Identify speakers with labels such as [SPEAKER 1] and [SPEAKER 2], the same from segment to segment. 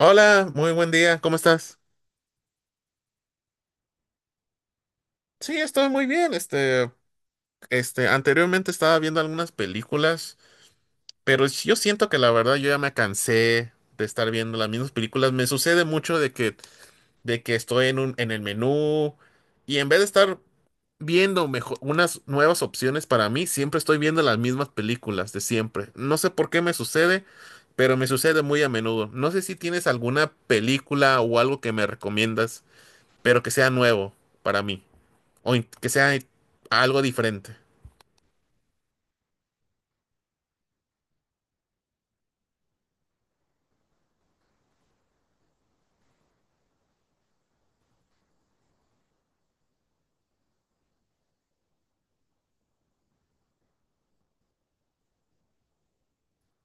[SPEAKER 1] Hola, muy buen día, ¿cómo estás? Sí, estoy muy bien. Anteriormente estaba viendo algunas películas, pero yo siento que la verdad yo ya me cansé de estar viendo las mismas películas. Me sucede mucho de que estoy en en el menú y en vez de estar viendo mejor, unas nuevas opciones para mí, siempre estoy viendo las mismas películas de siempre. No sé por qué me sucede, pero me sucede muy a menudo. No sé si tienes alguna película o algo que me recomiendas, pero que sea nuevo para mí. Que sea algo diferente.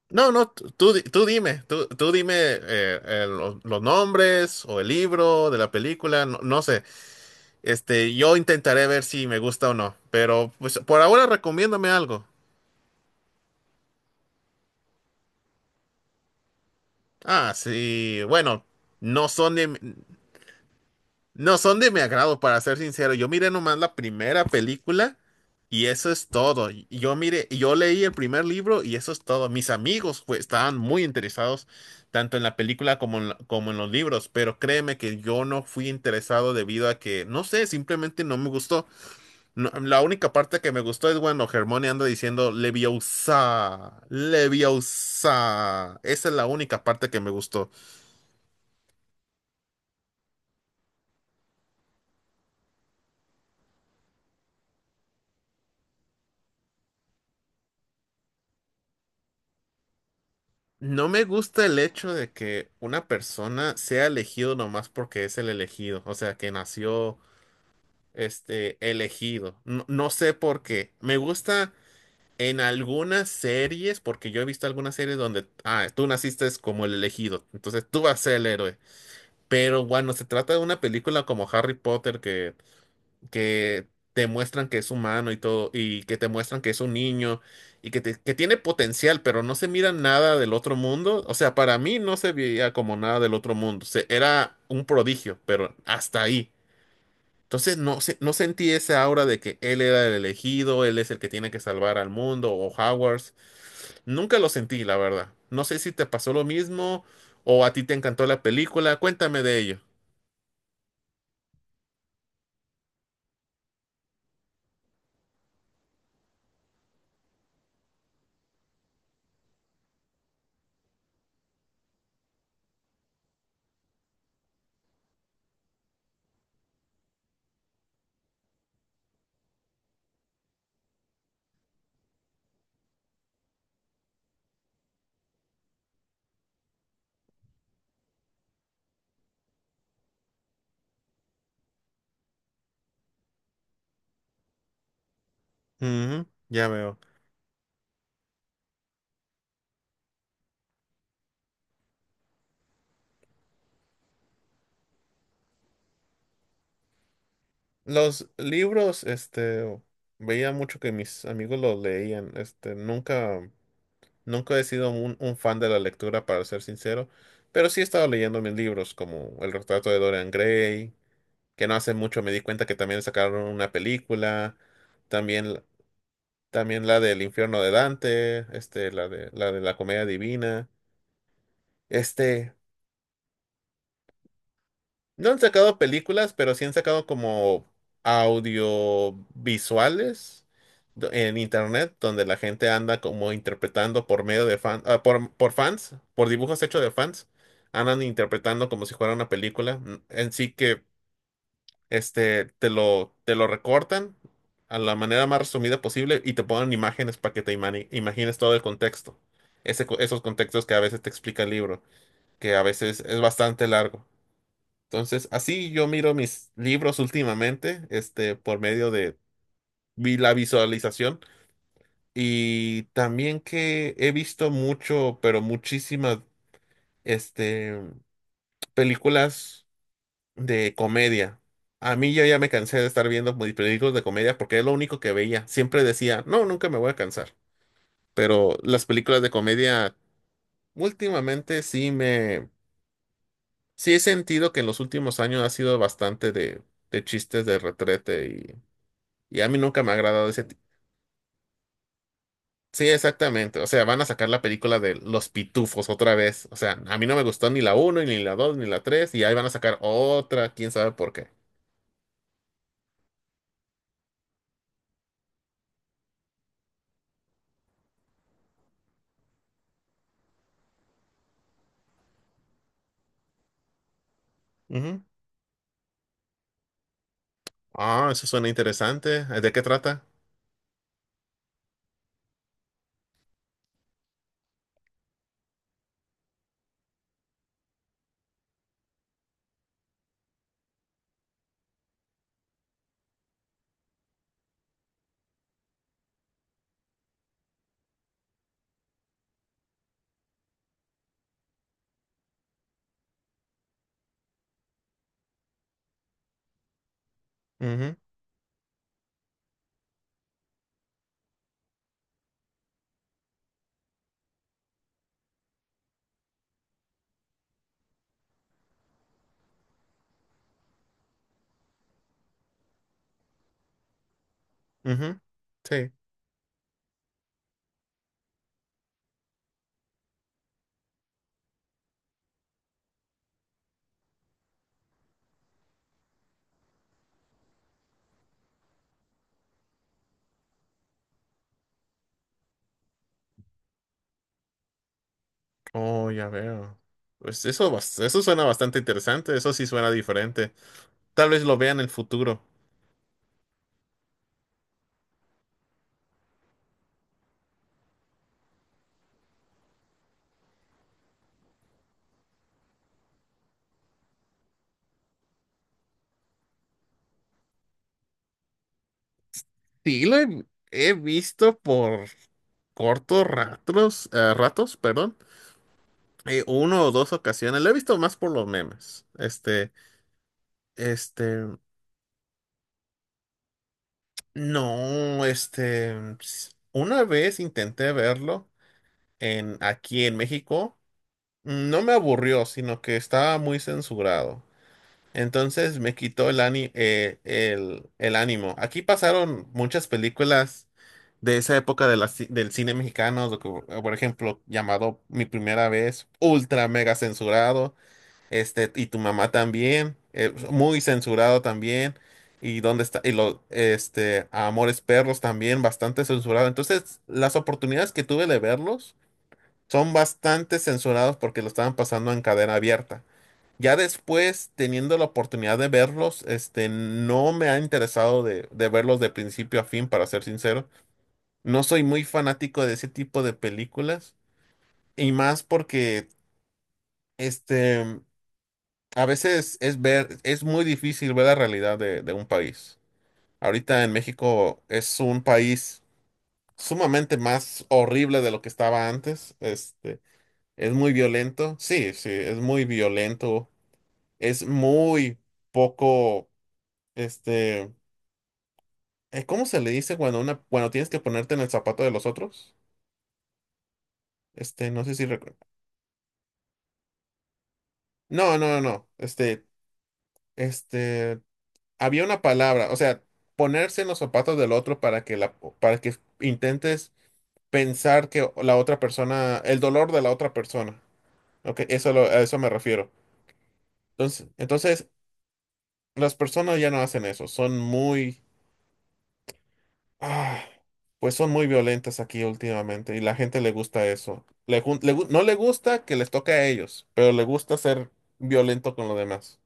[SPEAKER 1] No, no, tú dime, tú dime los nombres o el libro de la película, no, no sé. Yo intentaré ver si me gusta o no, pero pues por ahora recomiéndame algo. Ah, sí, bueno, no son de, no son de mi agrado, para ser sincero. Yo miré nomás la primera película y eso es todo. Y yo leí el primer libro y eso es todo. Mis amigos pues, estaban muy interesados tanto en la película como en los libros, pero créeme que yo no fui interesado debido a que, no sé, simplemente no me gustó. La única parte que me gustó es cuando Hermione anda diciendo Leviosa, Leviosa. Esa es la única parte que me gustó. No me gusta el hecho de que una persona sea elegido nomás porque es el elegido, o sea, que nació este elegido. No, no sé por qué. Me gusta en algunas series, porque yo he visto algunas series donde, ah, tú naciste es como el elegido, entonces tú vas a ser el héroe. Pero cuando se trata de una película como Harry Potter, que te muestran que es humano y todo, y que te muestran que es un niño que tiene potencial, pero no se mira nada del otro mundo. O sea, para mí no se veía como nada del otro mundo. Era un prodigio, pero hasta ahí. Entonces no, no sentí esa aura de que él era el elegido, él es el que tiene que salvar al mundo o Howard. Nunca lo sentí, la verdad. No sé si te pasó lo mismo o a ti te encantó la película. Cuéntame de ello. Ujú, ya veo. Los libros, veía mucho que mis amigos los leían. Nunca he sido un fan de la lectura, para ser sincero, pero sí he estado leyendo mis libros, como El Retrato de Dorian Gray, que no hace mucho me di cuenta que también sacaron una película, también, también la del infierno de Dante, este, la de la Comedia Divina. Este, No han sacado películas, pero sí han sacado como audiovisuales en internet, donde la gente anda como interpretando por medio de fans, por fans, por dibujos hechos de fans, andan interpretando como si fuera una película. En sí que este te lo recortan a la manera más resumida posible y te ponen imágenes para que imagines todo el contexto. Esos contextos que a veces te explica el libro, que a veces es bastante largo. Entonces, así yo miro mis libros últimamente, este, por medio de la visualización y también que he visto mucho, pero muchísimas, este, películas de comedia. A mí yo ya me cansé de estar viendo películas de comedia porque es lo único que veía. Siempre decía, no, nunca me voy a cansar. Pero las películas de comedia últimamente sí he sentido que en los últimos años ha sido bastante de chistes de retrete. Y a mí nunca me ha agradado ese tipo. Sí, exactamente. O sea, van a sacar la película de Los Pitufos otra vez. O sea, a mí no me gustó ni la uno ni la dos ni la tres. Y ahí van a sacar otra, quién sabe por qué. Ujú. Ah, eso suena interesante. ¿De qué trata? Ujú, ujú. Sí. Oh, ya veo. Pues eso, eso suena bastante interesante. Eso sí suena diferente. Tal vez lo vea en el futuro. Sí, he visto por cortos ratos, ratos, perdón. Uno o dos ocasiones. Lo he visto más por los memes. Este, no, este, una vez intenté verlo en aquí en México. No me aburrió, sino que estaba muy censurado. Entonces me quitó el ánimo. Aquí pasaron muchas películas de esa época de del cine mexicano, por ejemplo, llamado Mi Primera Vez, ultra mega censurado. Este, y tu mamá también, muy censurado también. Y dónde está, Amores Perros también, bastante censurado. Entonces, las oportunidades que tuve de verlos son bastante censurados porque lo estaban pasando en cadena abierta. Ya después, teniendo la oportunidad de verlos, este, no me ha interesado de verlos de principio a fin, para ser sincero. No soy muy fanático de ese tipo de películas. Y más porque, este. A veces es muy difícil ver la realidad de un país. Ahorita en México es un país sumamente más horrible de lo que estaba antes. Este, es muy violento. Sí, sí, es muy violento. Es muy poco, este, ¿cómo se le dice cuando cuando tienes que ponerte en el zapato de los otros? Este, no sé si recuerdo. No, no, no, no. Este, había una palabra, o sea, ponerse en los zapatos del otro para que intentes pensar que la otra persona, el dolor de la otra persona. Ok, a eso me refiero. Entonces, las personas ya no hacen eso, son muy, ah, pues son muy violentas aquí últimamente y la gente le gusta eso. Le jun- le gu- No le gusta que les toque a ellos, pero le gusta ser violento con los demás.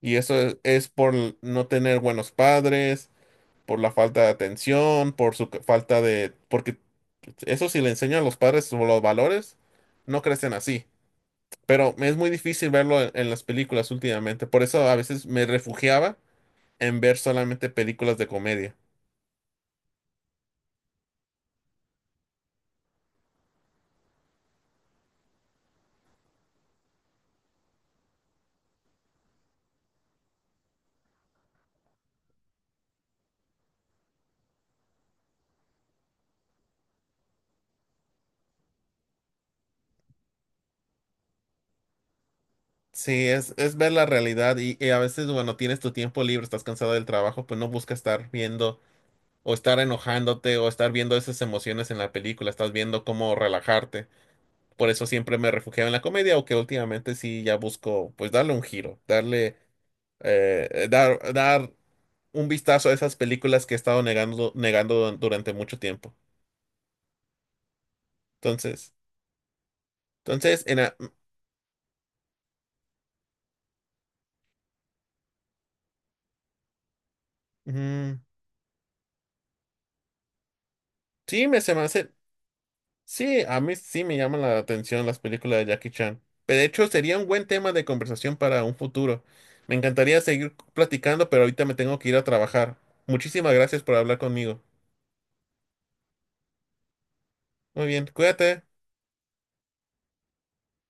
[SPEAKER 1] Y eso es por no tener buenos padres, por la falta de atención, por falta de... Porque eso si le enseñan a los padres sobre los valores, no crecen así. Pero me es muy difícil verlo en las películas últimamente. Por eso a veces me refugiaba en ver solamente películas de comedia. Sí, es ver la realidad y a veces, bueno, tienes tu tiempo libre, estás cansado del trabajo, pues no buscas estar viendo o estar enojándote o estar viendo esas emociones en la película, estás viendo cómo relajarte. Por eso siempre me refugiaba en la comedia, aunque últimamente sí ya busco pues darle un giro, dar un vistazo a esas películas que he estado negando, durante mucho tiempo. Entonces, entonces, en a- mm, sí, me se me hace, sí, a mí sí me llaman la atención las películas de Jackie Chan. Pero de hecho sería un buen tema de conversación para un futuro. Me encantaría seguir platicando, pero ahorita me tengo que ir a trabajar. Muchísimas gracias por hablar conmigo. Muy bien, cuídate.